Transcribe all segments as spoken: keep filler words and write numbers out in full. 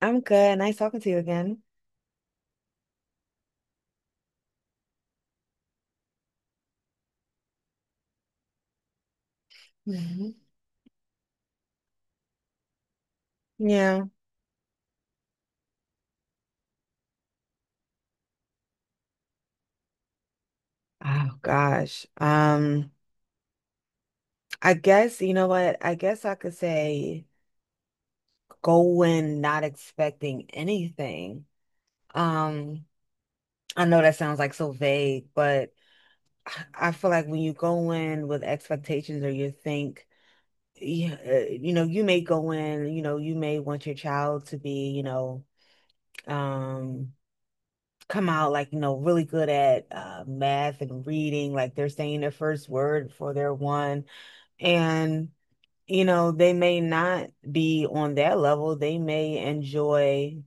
I'm good. Nice talking to you again. Mhm. Yeah. Oh gosh. Um, I guess you know what? I guess I could say go in not expecting anything. Um, I know that sounds like so vague, but I I feel like when you go in with expectations or you think, yeah, uh, you know, you may go in, you know, you may want your child to be, you know, um come out like you know really good at uh, math and reading, like they're saying their first word for their one. And you know they may not be on that level, they may enjoy,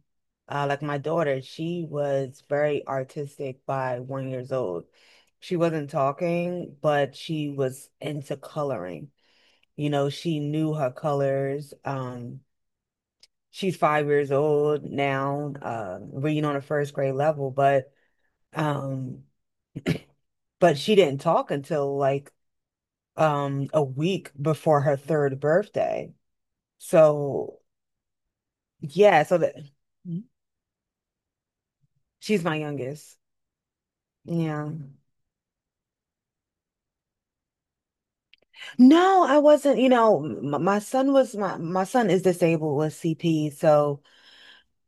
uh, like my daughter, she was very artistic by one years old. She wasn't talking, but she was into coloring. you know she knew her colors. Um she's five years old now, uh, reading on a first grade level. But um, But she didn't talk until, like, um a week before her third birthday. So, yeah, so that she's my youngest. Yeah. No, I wasn't. you know, m my son was my my son is disabled with C P, so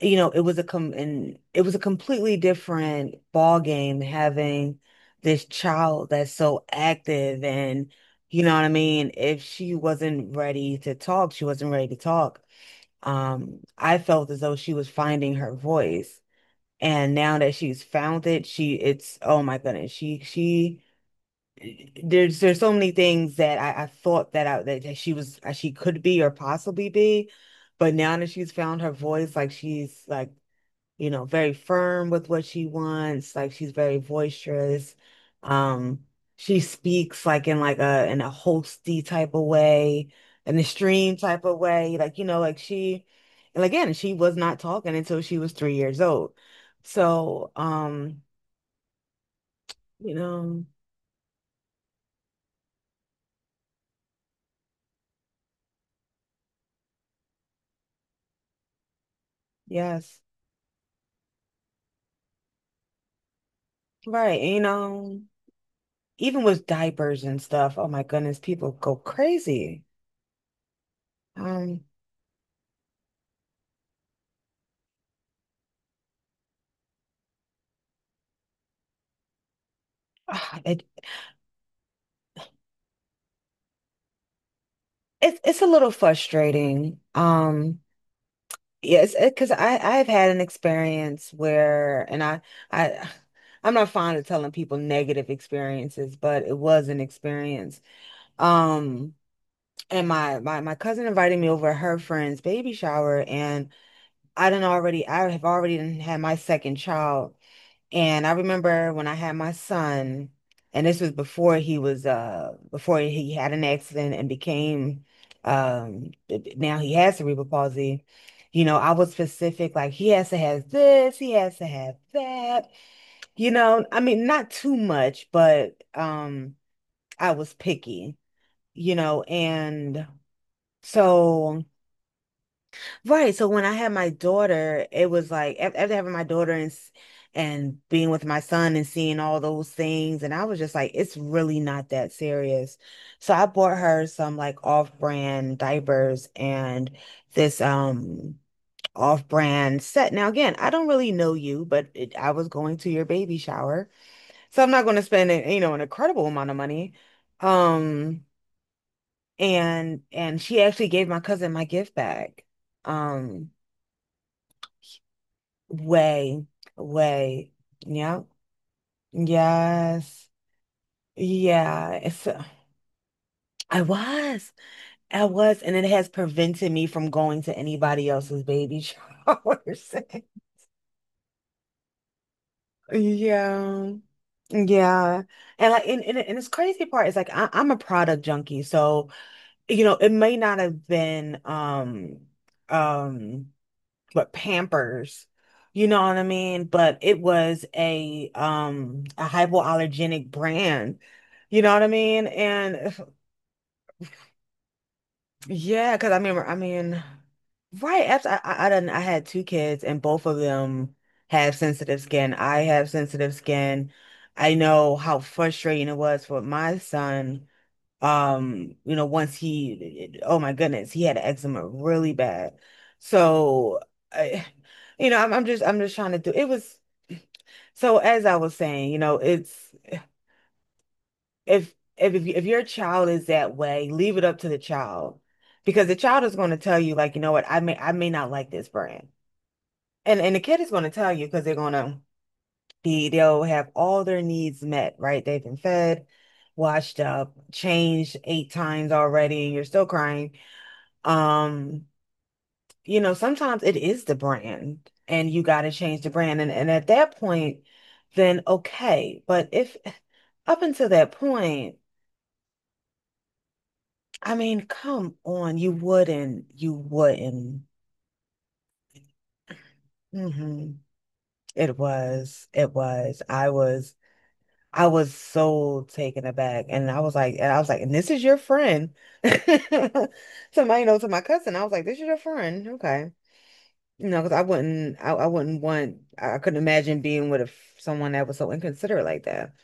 you know, it was a com and it was a completely different ball game having this child that's so active. And you know what I mean? If she wasn't ready to talk, she wasn't ready to talk. Um, I felt as though she was finding her voice. And now that she's found it, she it's, oh my goodness, she she there's there's so many things that I, I thought that I that, that she was she could be or possibly be, but now that she's found her voice, like she's like you know, very firm with what she wants. Like she's very boisterous. Um, she speaks like, in like a in a hosty type of way, an extreme type of way. Like, you know, like she and again, she was not talking until she was three years old. So, um, you know, yes. Right. You know, even with diapers and stuff, oh my goodness, people go crazy. Um, ah, it it's it's a little frustrating. Um Yes, because I I've had an experience where, and I I I'm not fond of telling people negative experiences, but it was an experience. Um, and my my my cousin invited me over her friend's baby shower, and I done already I have already done had my second child. And I remember when I had my son, and this was before he was uh before he had an accident and became um now he has cerebral palsy. You know, I was specific, like he has to have this, he has to have that. You know, I mean, not too much, but um I was picky, you know, and so. Right. So when I had my daughter, it was like, af- after having my daughter and s- and being with my son and seeing all those things, and I was just like, it's really not that serious. So I bought her some, like, off-brand diapers and this um off-brand set. Now, again, I don't really know you, but it, I was going to your baby shower, so I'm not going to spend a- you know an incredible amount of money. Um, and and she actually gave my cousin my gift bag. Um. Way, way. Yeah. Yes. Yeah. It's uh, I was. I was. And it has prevented me from going to anybody else's baby showers. Yeah. Yeah. And, like, and, and and this crazy part is, like, I, I'm a product junkie. So, you know, it may not have been, um um but Pampers. You know what I mean? But it was a um a hypoallergenic brand. You know what I mean? And yeah, because I remember, I mean, right after I, I I done I had two kids, and both of them have sensitive skin. I have sensitive skin. I know how frustrating it was for my son, um, you know, once he, oh my goodness, he had eczema really bad. So, I, you know, I'm, I'm just, I'm just trying to do, it was, so, as I was saying, you know, it's if if if if your child is that way, leave it up to the child, because the child is going to tell you, like, you know what, I may I may not like this brand. And and the kid is going to tell you, because they're going to be they'll have all their needs met, right? They've been fed, washed up, changed eight times already, and you're still crying. Um, you know, Sometimes it is the brand and you got to change the brand. And, and At that point, then okay. But if up until that point, I mean, come on, you wouldn't, you wouldn't. Hmm. It was, it was. I was, I was so taken aback. And I was like, and I was like, and this is your friend. Somebody, knows, know, to my cousin, I was like, this is your friend. Okay. You know, because I wouldn't, I, I wouldn't want, I I couldn't imagine being with, a, f- someone that was so inconsiderate like that.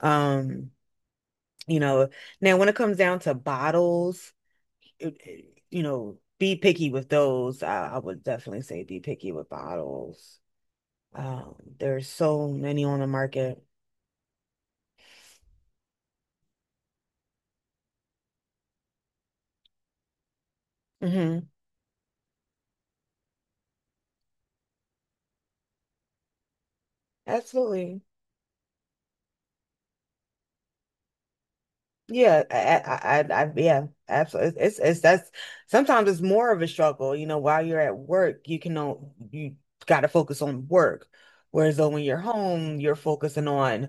Um, you know, Now, when it comes down to bottles, it, it- you know, be picky with those. I, I would definitely say be picky with bottles. Um, there's so many on the market. Hmm Absolutely. Yeah, I, I, I, I- yeah, absolutely. It's, it's, it's that's sometimes, it's more of a struggle. You know, while you're at work, you can know you got to focus on work, whereas though when you're home, you're focusing on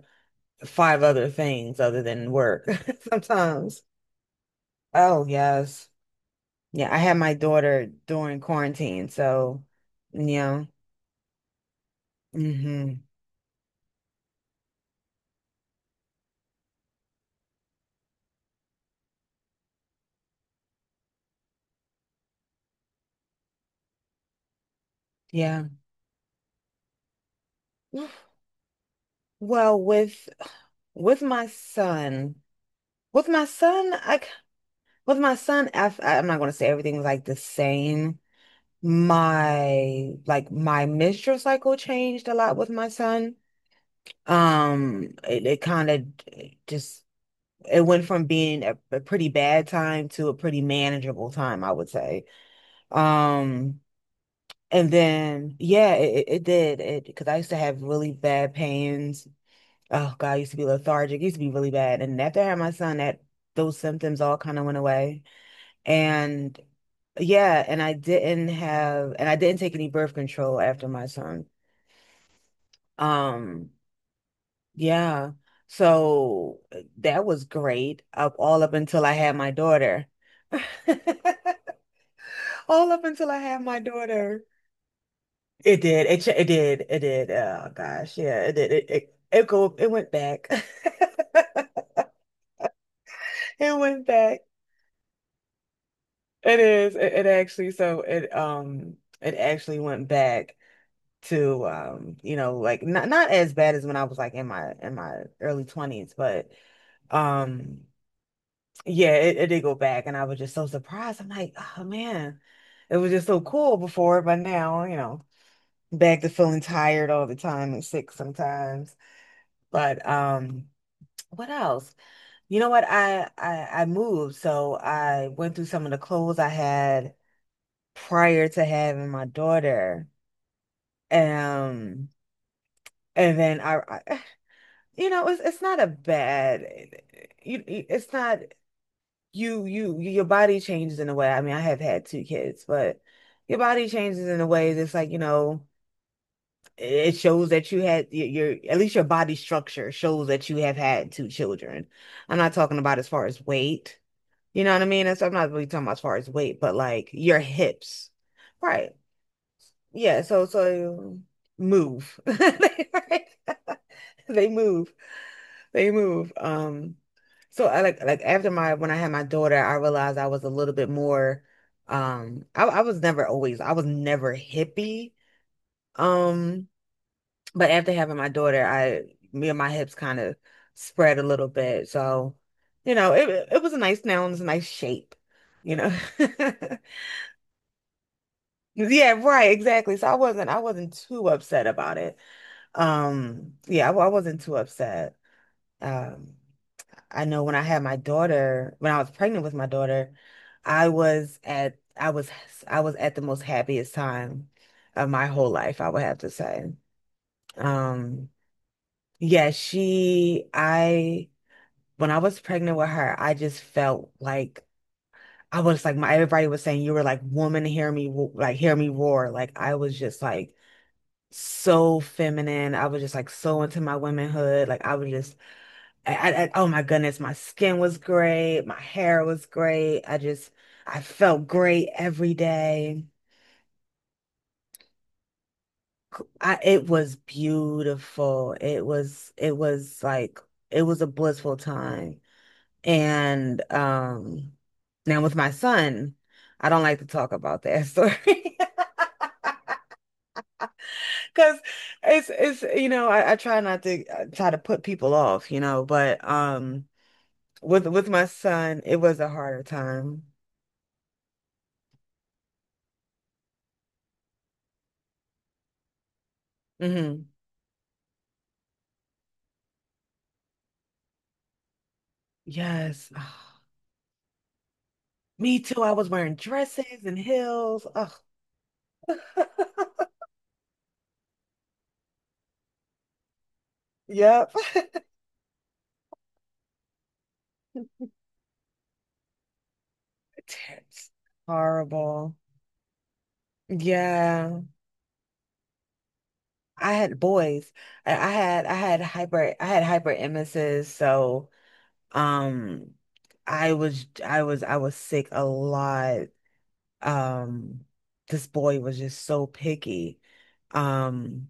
five other things other than work sometimes. Oh yes, yeah. I had my daughter during quarantine, so yeah, mm-hmm, yeah. Well, with with my son, with my son, I With my son, I, am not going to say everything's like the same. My like my menstrual cycle changed a lot with my son. Um, it, it kind of just it went from being a, a pretty bad time to a pretty manageable time, I would say. Um, and then yeah, it, it it did it, because I used to have really bad pains. Oh God, I used to be lethargic. It used to be really bad. And after I had my son, that those symptoms all kind of went away. And yeah, and I didn't have and I didn't take any birth control after my son. Um, yeah. So, uh, that was great, up all up until I had my daughter. All up until I had my daughter. It did. It ch- it did. It did. Oh gosh, yeah, it did. It it, it go it went back. It went back. It is. It, it actually so it um it actually went back to, um you know like, not not as bad as when I was, like, in my in my early twenties, but um yeah, it, it did go back. And I was just so surprised, I'm like, oh man, it was just so cool before, but now, you know back to feeling tired all the time and sick sometimes. But um what else? You know what, I I, I moved, so I went through some of the clothes I had prior to having my daughter. um and then, I, I you know, it's it's not a bad. You, it's not you you your body changes in a way. I mean, I have had two kids, but your body changes in a way that's, like, you know, it shows that you had your, your at least your body structure shows that you have had two children. I'm not talking about as far as weight. You know what I mean? That's I'm not really talking about as far as weight, but like your hips. Right. Yeah, so so move. Right? They move. They move. Um, so I, like like after my when I had my daughter, I realized I was a little bit more. um I, I was never always I was never hippie. Um, but after having my daughter, I me and my hips kind of spread a little bit. So, you know, it it was a nice now and it's a nice shape, you know. Yeah, right, exactly. So, I wasn't I wasn't too upset about it. Um, yeah, I, I wasn't too upset. Um I know when I had my daughter, when I was pregnant with my daughter, I was at I was I was at the most happiest time of my whole life, I would have to say. Um, yeah, she I when I was pregnant with her, I just felt like, I was like, my everybody was saying you were like, woman, hear me wo- like hear me roar. Like, I was just like, so feminine. I was just like, so into my womanhood. Like I was just I, I, I- oh my goodness, my skin was great, my hair was great. I just, I felt great every day. I, it was beautiful. It was, it was like, it was a blissful time. And um, now with my son, I don't like to talk about that story because it's, it's, you know, I, I try not to I try to put people off, you know, but um, with with my son, it was a harder time. Mm-hmm. Yes. Ah, me too. I was wearing dresses and heels. Ugh, yep. It's horrible. Yeah. I had boys. I, I had I had hyper I had hyper emesis, so um I was I was I was sick a lot. Um this boy was just so picky. Um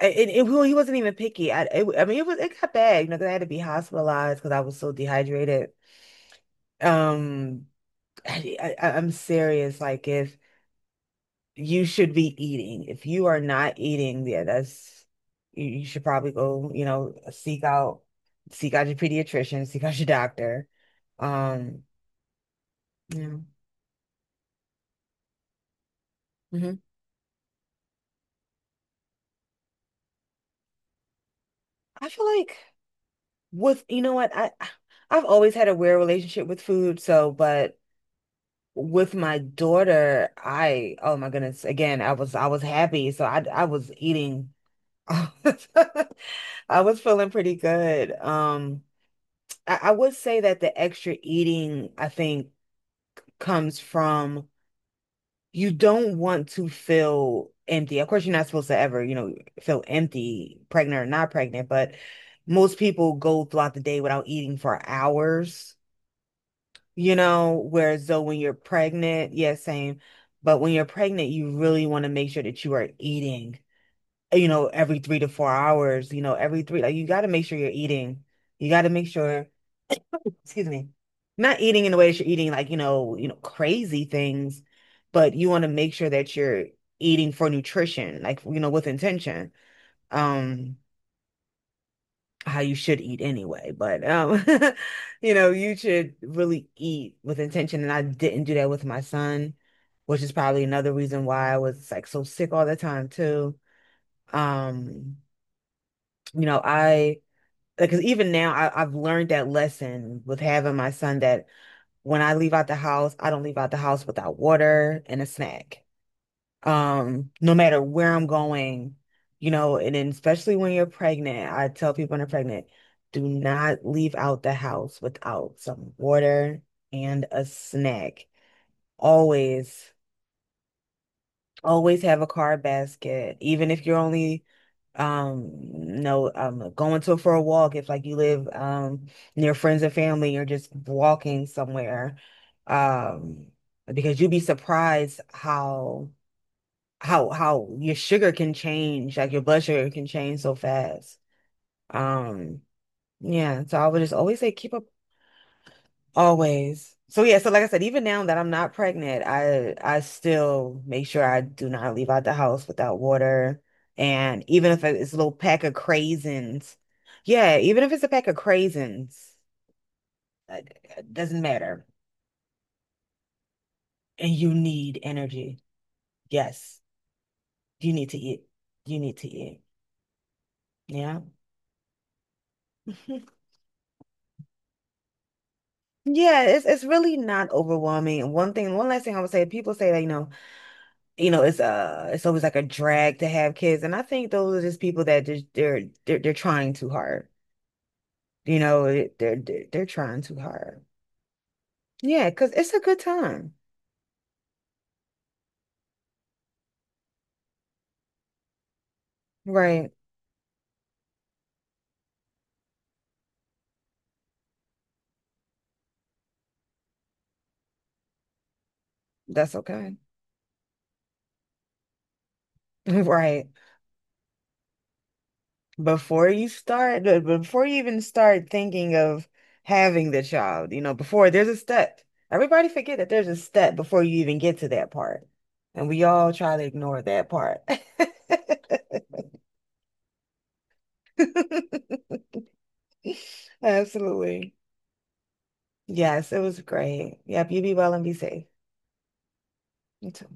and and it, well, he wasn't even picky. I it, I mean it was it got bad, you know, 'cause I had to be hospitalized because I was so dehydrated. Um I, I- I'm serious. Like if you should be eating, if you are not eating, yeah, that's you, you should probably go, you know, seek out seek out your pediatrician, seek out your doctor. Um, yeah. Hmm. I feel like with you know what, I I've always had a weird relationship with food, so but with my daughter, I oh my goodness, again, I was I was happy, so I I was eating. I was feeling pretty good. Um, I, I would say that the extra eating, I think, comes from you don't want to feel empty. Of course, you're not supposed to ever, you know, feel empty, pregnant or not pregnant, but most people go throughout the day without eating for hours, you know, whereas though when you're pregnant, yeah, same. But when you're pregnant, you really want to make sure that you are eating, you know, every three to four hours, you know, every three, like you got to make sure you're eating. You got to make sure. Excuse me, not eating in the way that you're eating like, you know, you know, crazy things, but you want to make sure that you're eating for nutrition, like, you know, with intention. Um, how you should eat anyway, but um, you know, you should really eat with intention. And I didn't do that with my son, which is probably another reason why I was like so sick all the time too. Um, you know, I because even now I, I've learned that lesson with having my son that when I leave out the house, I don't leave out the house without water and a snack. Um, no matter where I'm going, you know, and then especially when you're pregnant, I tell people when they're pregnant, do not leave out the house without some water and a snack. Always, always have a card basket, even if you're only um no um going to for a walk if like you live um near friends and family, you're just walking somewhere, um because you'd be surprised how how how your sugar can change, like your blood sugar can change so fast. um yeah, so I would just always say keep a always. So yeah, so like I said, even now that I'm not pregnant, I I still make sure I do not leave out the house without water. And even if it's a little pack of craisins, yeah, even if it's a pack of craisins, uh, it doesn't matter. And you need energy. Yes, you need to eat. You need to eat. Yeah. Yeah, it's it's really not overwhelming. And one thing, one last thing I would say, people say that, you know, you know, it's uh it's always like a drag to have kids. And I think those are just people that just they're they're they're trying too hard. You know, it- they're they're, they're trying too hard. Yeah, because it's a good time. Right. That's okay. Right. Before you start, b- before you even start thinking of having the child, you know, before there's a step. Everybody forget that there's a step before you even get to that part. And we all try to ignore that part. Absolutely. Yes, it was great. Yep, you be well and be safe. You too.